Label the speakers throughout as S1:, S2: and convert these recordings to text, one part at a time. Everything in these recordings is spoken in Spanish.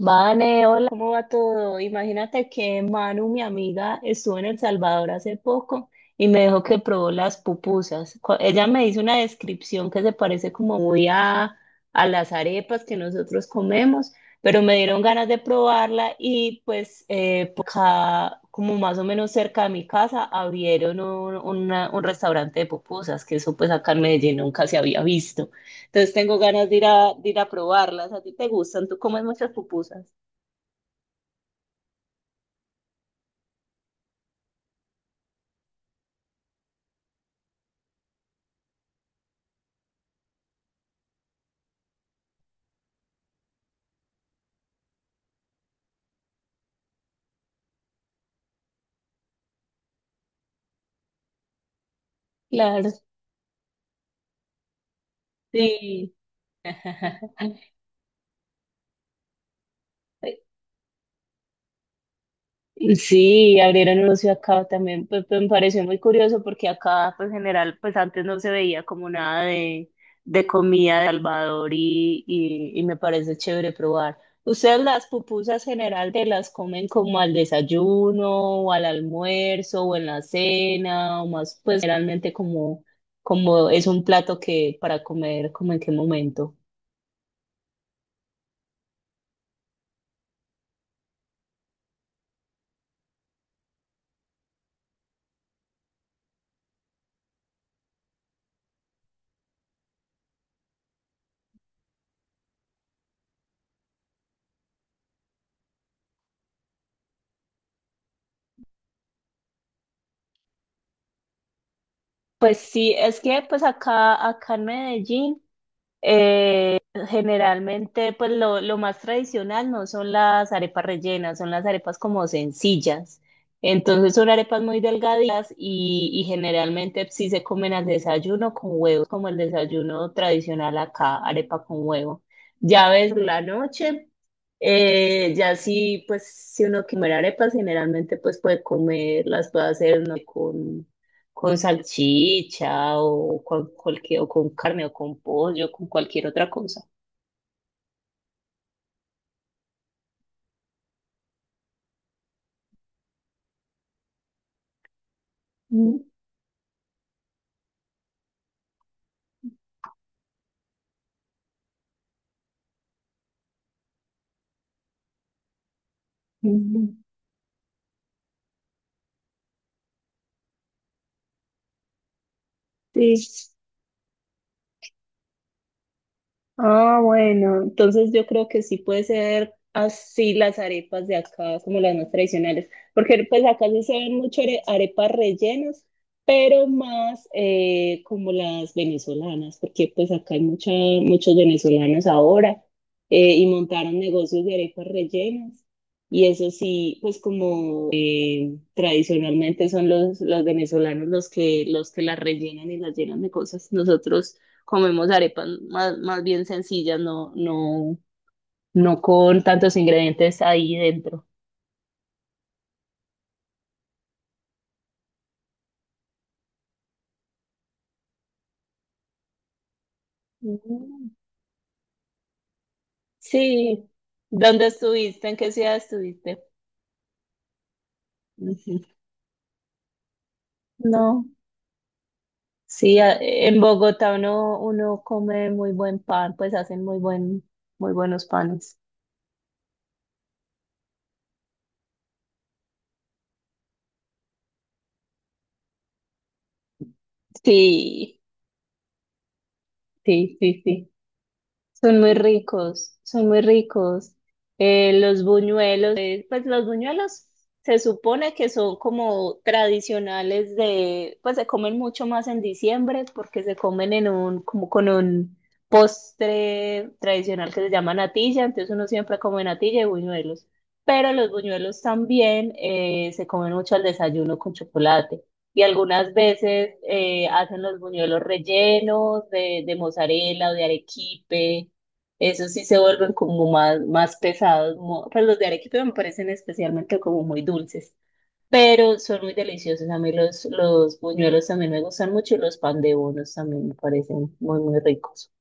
S1: Vane, hola, ¿cómo va todo? Imagínate que Manu, mi amiga, estuvo en El Salvador hace poco y me dijo que probó las pupusas. Ella me hizo una descripción que se parece como muy a las arepas que nosotros comemos, pero me dieron ganas de probarla y pues por acá, como más o menos cerca de mi casa, abrieron un restaurante de pupusas, que eso pues acá en Medellín nunca se había visto. Entonces tengo ganas de ir de ir a probarlas. ¿A ti te gustan? ¿Tú comes muchas pupusas? Claro. Sí. Sí, abrieron un ocio acá también, pues, me pareció muy curioso porque acá, pues en general, pues antes no se veía como nada de comida de Salvador y me parece chévere probar. ¿Ustedes las pupusas general te las comen como al desayuno o al almuerzo o en la cena o más, pues generalmente como es un plato que para comer, como en qué momento? Pues sí, es que pues acá en Medellín generalmente, pues lo más tradicional no son las arepas rellenas, son las arepas como sencillas. Entonces son arepas muy delgaditas y generalmente sí se comen al desayuno con huevos, como el desayuno tradicional acá, arepa con huevo. Ya ves la noche, ya sí, pues si uno quiere arepas, generalmente pues puede comer, las puede hacer ¿no? Con salchicha o con, cualquier, o con carne o con pollo, con cualquier otra cosa. Mm. Mm. Mm. Sí. Ah, bueno, entonces yo creo que sí puede ser así las arepas de acá, como las más tradicionales, porque pues acá sí se ven mucho arepas rellenas, pero más como las venezolanas, porque pues acá hay muchos venezolanos ahora y montaron negocios de arepas rellenas. Y eso sí, pues como tradicionalmente son los venezolanos los que las rellenan y las llenan de cosas. Nosotros comemos arepas más, más bien sencillas, no con tantos ingredientes ahí dentro. Mm. Sí, ¿dónde estuviste? ¿En qué ciudad estuviste? Ujú. No, sí, a- en Bogotá uno come muy buen pan, pues hacen muy buen, muy buenos panes. Sí, sí, sí, sí. Son muy ricos, son muy ricos. Los buñuelos, pues los buñuelos se supone que son como tradicionales de, pues se comen mucho más en diciembre porque se comen en un, como con un postre tradicional que se llama natilla, entonces uno siempre come natilla y buñuelos. Pero los buñuelos también se comen mucho al desayuno con chocolate. Y algunas veces hacen los buñuelos rellenos de mozzarella o de arequipe. Esos sí se vuelven como más, más pesados. Pues los de arequipe me parecen especialmente como muy dulces, pero son muy deliciosos. A mí los buñuelos también me gustan mucho y los pan de bonos también me parecen muy, muy ricos.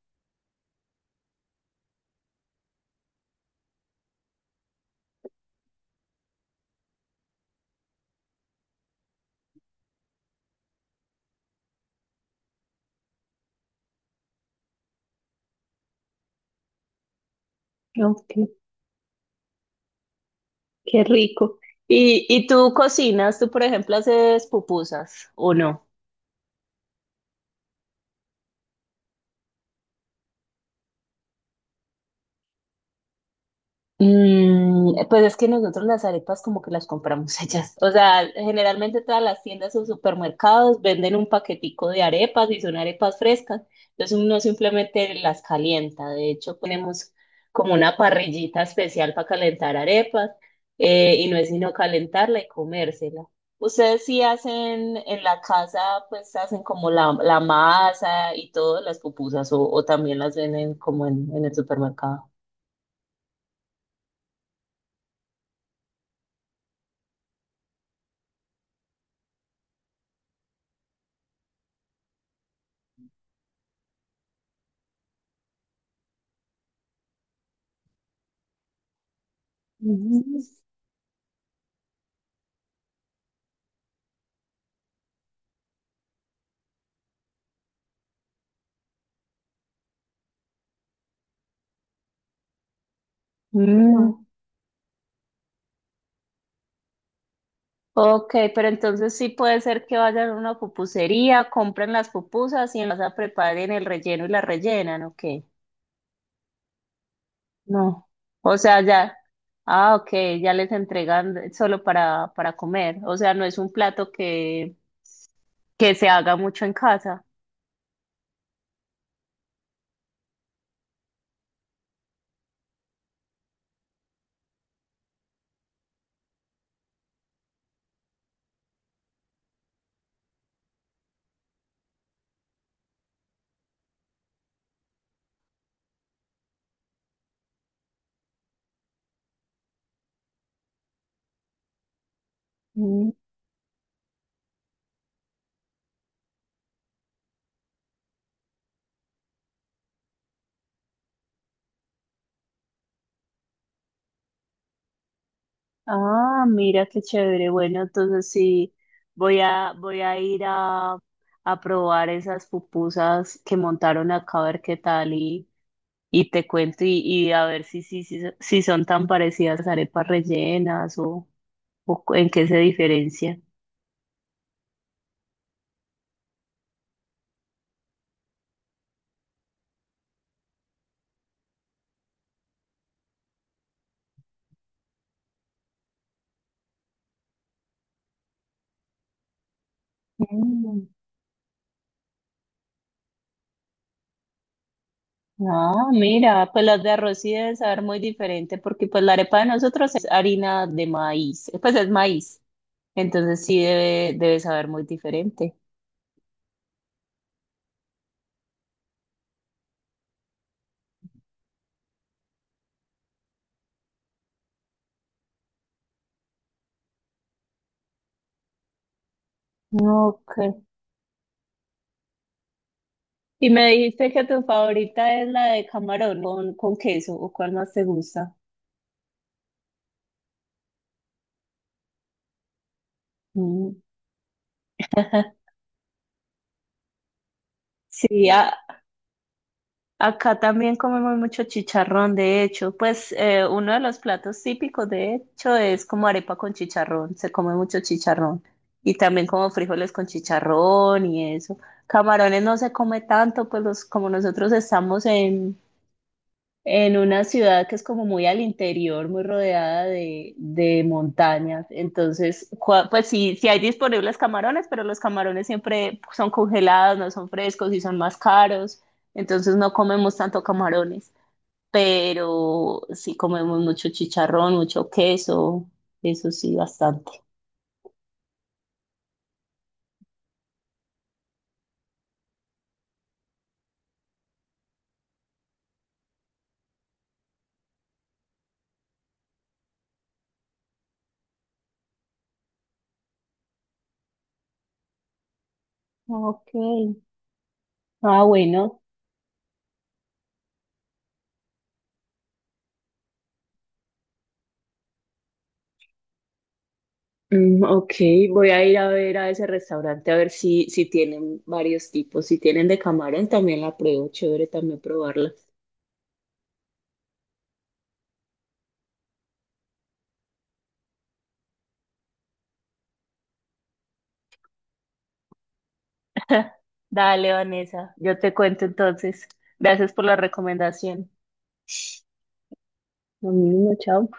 S1: Ok, qué rico. Y tú cocinas? ¿Tú, por ejemplo, haces pupusas o no? Mm, pues es que nosotros las arepas como que las compramos hechas. O sea, generalmente todas las tiendas o supermercados venden un paquetico de arepas y son arepas frescas. Entonces uno simplemente las calienta. De hecho, ponemos como una parrillita especial para calentar arepas y no es sino calentarla y comérsela. Ustedes sí hacen en la casa, pues hacen como la masa y todo, las pupusas o también las venden como en el supermercado. Mm, ok, pero entonces sí puede ser que vayan a una pupusería, compren las pupusas y en casa preparen el relleno y la rellenan, ok. No. O sea, ya, ah, ok, ya les entregan solo para comer. O sea, no es un plato que se haga mucho en casa. Mm. Ah, mira qué chévere. Bueno, entonces sí, voy voy a ir a probar esas pupusas que montaron acá a ver qué tal y te cuento y a ver si son tan parecidas las arepas rellenas o en qué se diferencian. Mm. Ah, mira, pues las de arroz sí deben saber muy diferente porque pues la arepa de nosotros es harina de maíz, pues es maíz, entonces sí debe, debe saber muy diferente. Ok. Y me dijiste que tu favorita es la de camarón con queso, ¿o cuál más te gusta? Mm. Sí, a, acá también comemos mucho chicharrón, de hecho, pues uno de los platos típicos, de hecho, es como arepa con chicharrón, se come mucho chicharrón y también como frijoles con chicharrón y eso. Camarones no se come tanto, pues los, como nosotros estamos en una ciudad que es como muy al interior, muy rodeada de montañas. Entonces, pues sí, sí hay disponibles camarones, pero los camarones siempre son congelados, no son frescos y son más caros. Entonces no comemos tanto camarones, pero sí comemos mucho chicharrón, mucho queso, eso sí, bastante. Ok. Ah, bueno, mm, ok, voy a ir a ver a ese restaurante a ver si, si tienen varios tipos. Si tienen de camarón, también la pruebo. Chévere también probarla. Dale, Vanessa, yo te cuento entonces. Gracias por la recomendación. Lo mismo, chao.